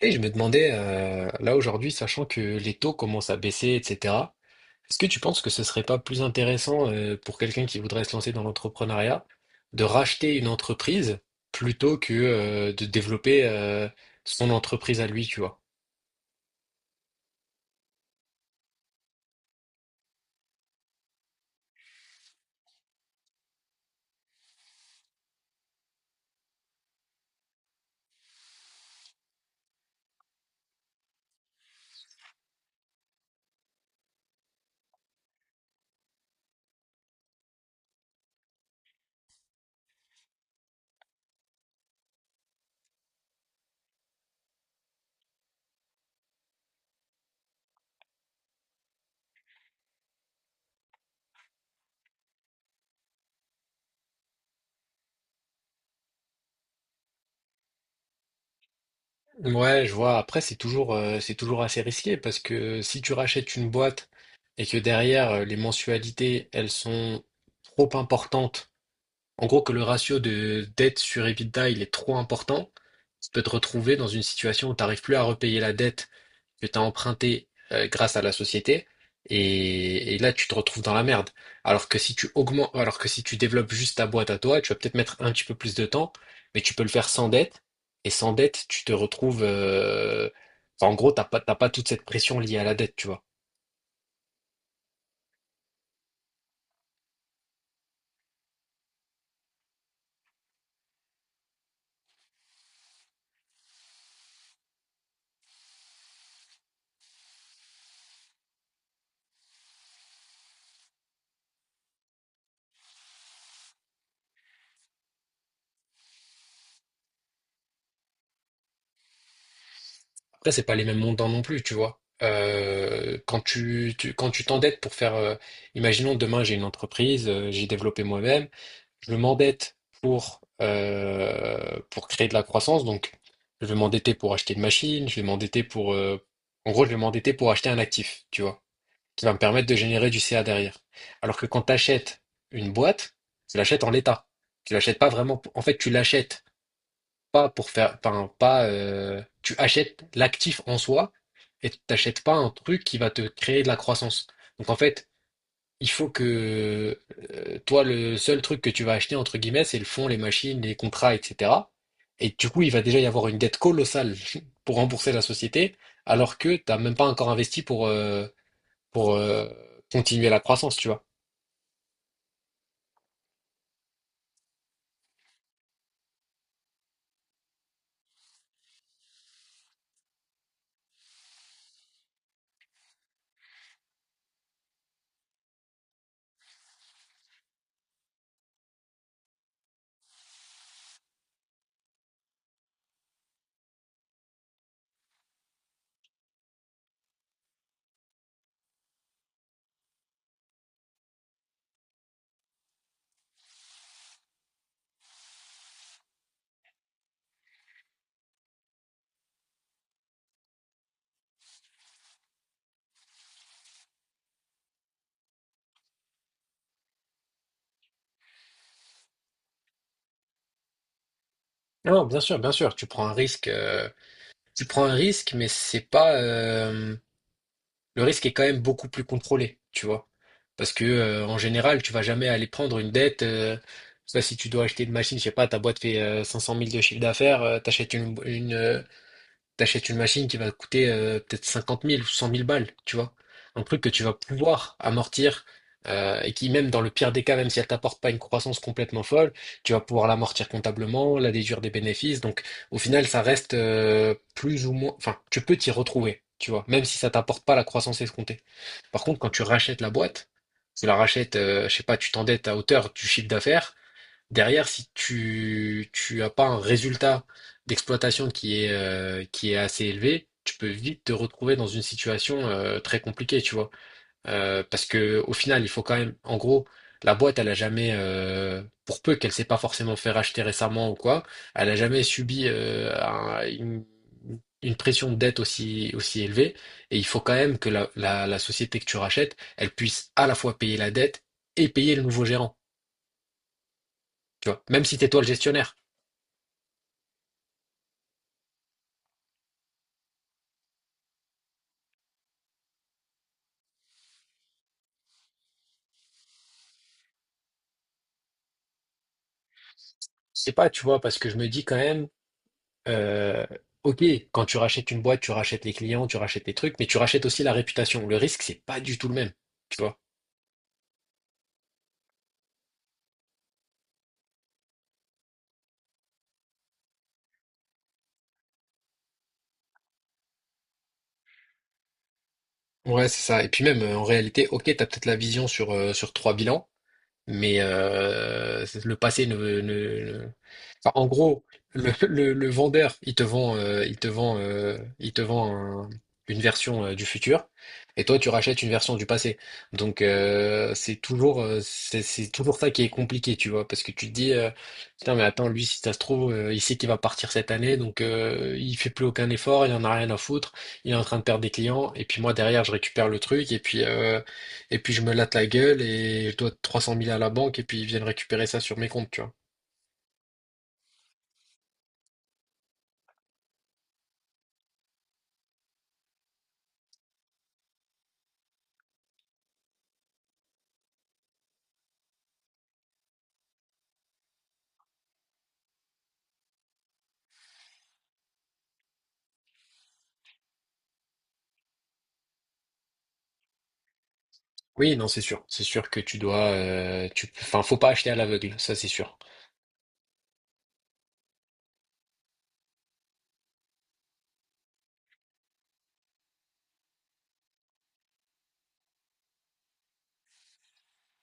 Et je me demandais, là aujourd'hui, sachant que les taux commencent à baisser, etc., est-ce que tu penses que ce serait pas plus intéressant pour quelqu'un qui voudrait se lancer dans l'entrepreneuriat de racheter une entreprise plutôt que de développer son entreprise à lui, tu vois? Ouais, je vois. Après, c'est toujours assez risqué parce que si tu rachètes une boîte et que derrière, les mensualités, elles sont trop importantes en gros que le ratio de dette sur EBITDA, il est trop important, tu peux te retrouver dans une situation où tu n'arrives plus à repayer la dette que tu as empruntée grâce à la société, et là tu te retrouves dans la merde. Alors que si tu développes juste ta boîte à toi, tu vas peut-être mettre un petit peu plus de temps, mais tu peux le faire sans dette, et sans dette, tu te retrouves enfin, en gros, t'as pas toute cette pression liée à la dette, tu vois. Après, c'est pas les mêmes montants non plus, tu vois. Quand tu t'endettes pour faire, imaginons demain j'ai une entreprise, j'ai développé moi-même, je m'endette pour créer de la croissance, donc je vais m'endetter pour acheter une machine, je vais m'endetter en gros, je vais m'endetter pour acheter un actif, tu vois, qui va me permettre de générer du CA derrière. Alors que quand tu achètes une boîte, tu l'achètes en l'état, tu l'achètes pas vraiment. En fait, tu l'achètes pas pour faire, enfin, pas, tu achètes l'actif en soi et tu t'achètes pas un truc qui va te créer de la croissance. Donc en fait, il faut que toi, le seul truc que tu vas acheter, entre guillemets, c'est le fonds, les machines, les contrats, etc. Et du coup, il va déjà y avoir une dette colossale pour rembourser la société, alors que t'as même pas encore investi pour continuer la croissance, tu vois. Non, bien sûr, tu prends un risque, tu prends un risque, mais c'est pas, le risque est quand même beaucoup plus contrôlé, tu vois. Parce que en général, tu vas jamais aller prendre une dette. Je sais pas si tu dois acheter une machine, je sais pas, ta boîte fait 500 000 de chiffre d'affaires, T'achètes une machine qui va te coûter peut-être 50 000 ou 100 000 balles, tu vois. Un truc que tu vas pouvoir amortir et qui, même dans le pire des cas, même si elle t'apporte pas une croissance complètement folle, tu vas pouvoir l'amortir comptablement, la déduire des bénéfices. Donc, au final, ça reste plus ou moins. Enfin, tu peux t'y retrouver, tu vois, même si ça t'apporte pas la croissance escomptée. Par contre, quand tu rachètes la boîte, tu la rachètes, je sais pas, tu t'endettes à hauteur du chiffre d'affaires. Derrière, si tu as pas un résultat d'exploitation qui est assez élevé, tu peux vite te retrouver dans une situation très compliquée, tu vois. Parce que au final, il faut quand même, en gros, la boîte, elle a jamais, pour peu qu'elle s'est pas forcément fait racheter récemment ou quoi, elle a jamais subi une pression de dette aussi élevée. Et il faut quand même que la société que tu rachètes, elle puisse à la fois payer la dette et payer le nouveau gérant, tu vois. Même si c'est toi le gestionnaire. Je sais pas, tu vois, parce que je me dis quand même, euh, ok, quand tu rachètes une boîte, tu rachètes les clients, tu rachètes les trucs, mais tu rachètes aussi la réputation. Le risque, c'est pas du tout le même, tu vois. Ouais, c'est ça. Et puis même, en réalité, ok, t'as peut-être la vision sur, sur trois bilans, mais c'est- le passé ne- Enfin, en gros, le vendeur, il te vend une version du futur, et toi, tu rachètes une version du passé. Donc, c'est toujours ça qui est compliqué, tu vois, parce que tu te dis, putain, mais attends, lui, si ça se trouve, il sait qu'il va partir cette année, donc il fait plus aucun effort, il en a rien à foutre, il est en train de perdre des clients, et puis moi derrière, je récupère le truc, et puis je me latte la gueule et je dois 300 000 à la banque et puis ils viennent récupérer ça sur mes comptes, tu vois. Oui, non, c'est sûr. C'est sûr que tu dois, enfin, faut pas acheter à l'aveugle, ça c'est sûr.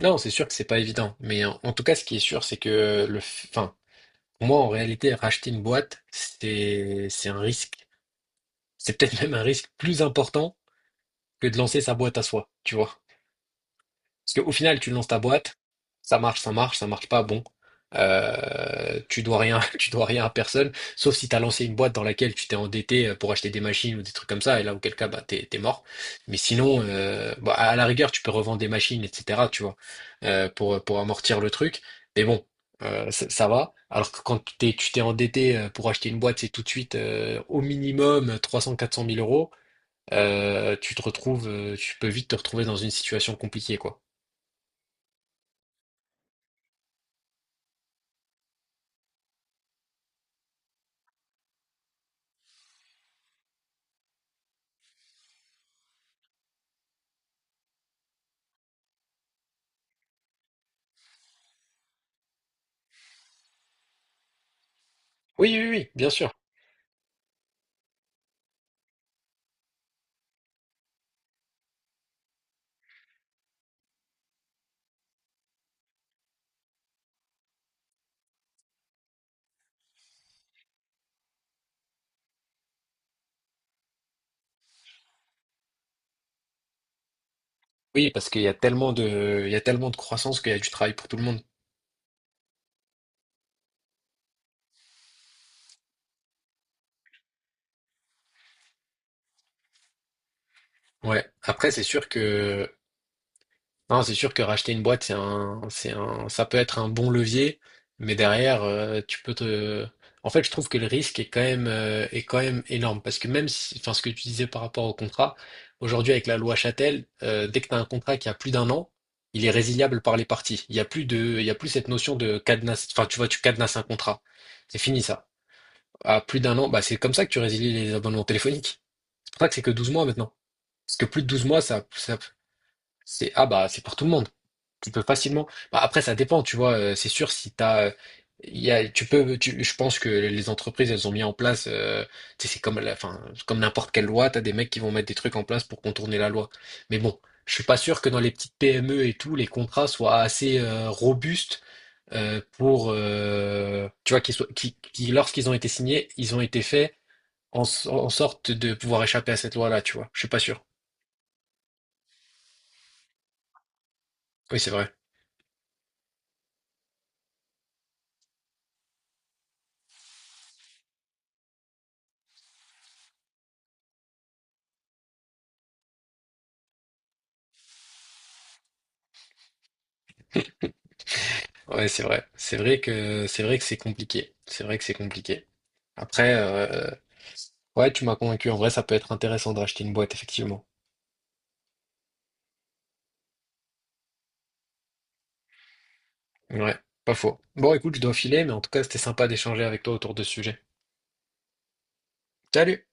Non, c'est sûr que c'est pas évident. Mais en tout cas, ce qui est sûr, c'est que enfin, moi en réalité, racheter une boîte, c'est un risque. C'est peut-être même un risque plus important que de lancer sa boîte à soi, tu vois. Parce qu'au final, tu lances ta boîte, ça marche, ça marche, ça marche pas, bon. Tu dois rien, tu dois rien à personne, sauf si tu as lancé une boîte dans laquelle tu t'es endetté pour acheter des machines ou des trucs comme ça, et là, auquel cas, bah, t'es, t'es mort. Mais sinon, bah, à la rigueur, tu peux revendre des machines, etc., tu vois, pour amortir le truc. Mais bon, ça, ça va. Alors que quand tu t'es endetté pour acheter une boîte, c'est tout de suite au minimum 300-400 mille euros. Tu peux vite te retrouver dans une situation compliquée, quoi. Oui, oui, oui, bien sûr. Oui, parce qu'il y a tellement de croissance qu'il y a du travail pour tout le monde. Ouais. Après, c'est sûr que, non, c'est sûr que racheter une boîte, ça peut être un bon levier, mais derrière, en fait, je trouve que le risque est quand même énorme parce que même si, enfin, ce que tu disais par rapport au contrat, aujourd'hui avec la loi Châtel, dès que tu as un contrat qui a plus d'un an, il est résiliable par les parties. Il y a plus cette notion de cadenas, enfin, tu vois, tu cadenas un contrat. C'est fini ça. À plus d'un an, bah c'est comme ça que tu résilies les abonnements téléphoniques. C'est pour ça que c'est que 12 mois maintenant. Parce que plus de 12 mois, ça, ça- c'est ah bah c'est pour tout le monde. Tu peux facilement. Bah, après, ça dépend, tu vois. C'est sûr si t'as, il y a, tu peux, tu- je pense que les entreprises, elles ont mis en place. Tu sais, c'est comme la, enfin, comme n'importe quelle loi, t'as des mecs qui vont mettre des trucs en place pour contourner la loi. Mais bon, je suis pas sûr que dans les petites PME et tout, les contrats soient assez robustes pour, tu vois, qu'ils soient, lorsqu'ils ont été signés, ils ont été faits en sorte de pouvoir échapper à cette loi-là, tu vois. Je suis pas sûr. Oui, c'est vrai. Ouais, c'est vrai. c'est vrai que c'est compliqué. C'est vrai que c'est compliqué. Après, ouais, tu m'as convaincu. En vrai, ça peut être intéressant de racheter une boîte, effectivement. Ouais, pas faux. Bon, écoute, je dois filer, mais en tout cas, c'était sympa d'échanger avec toi autour de ce sujet. Salut!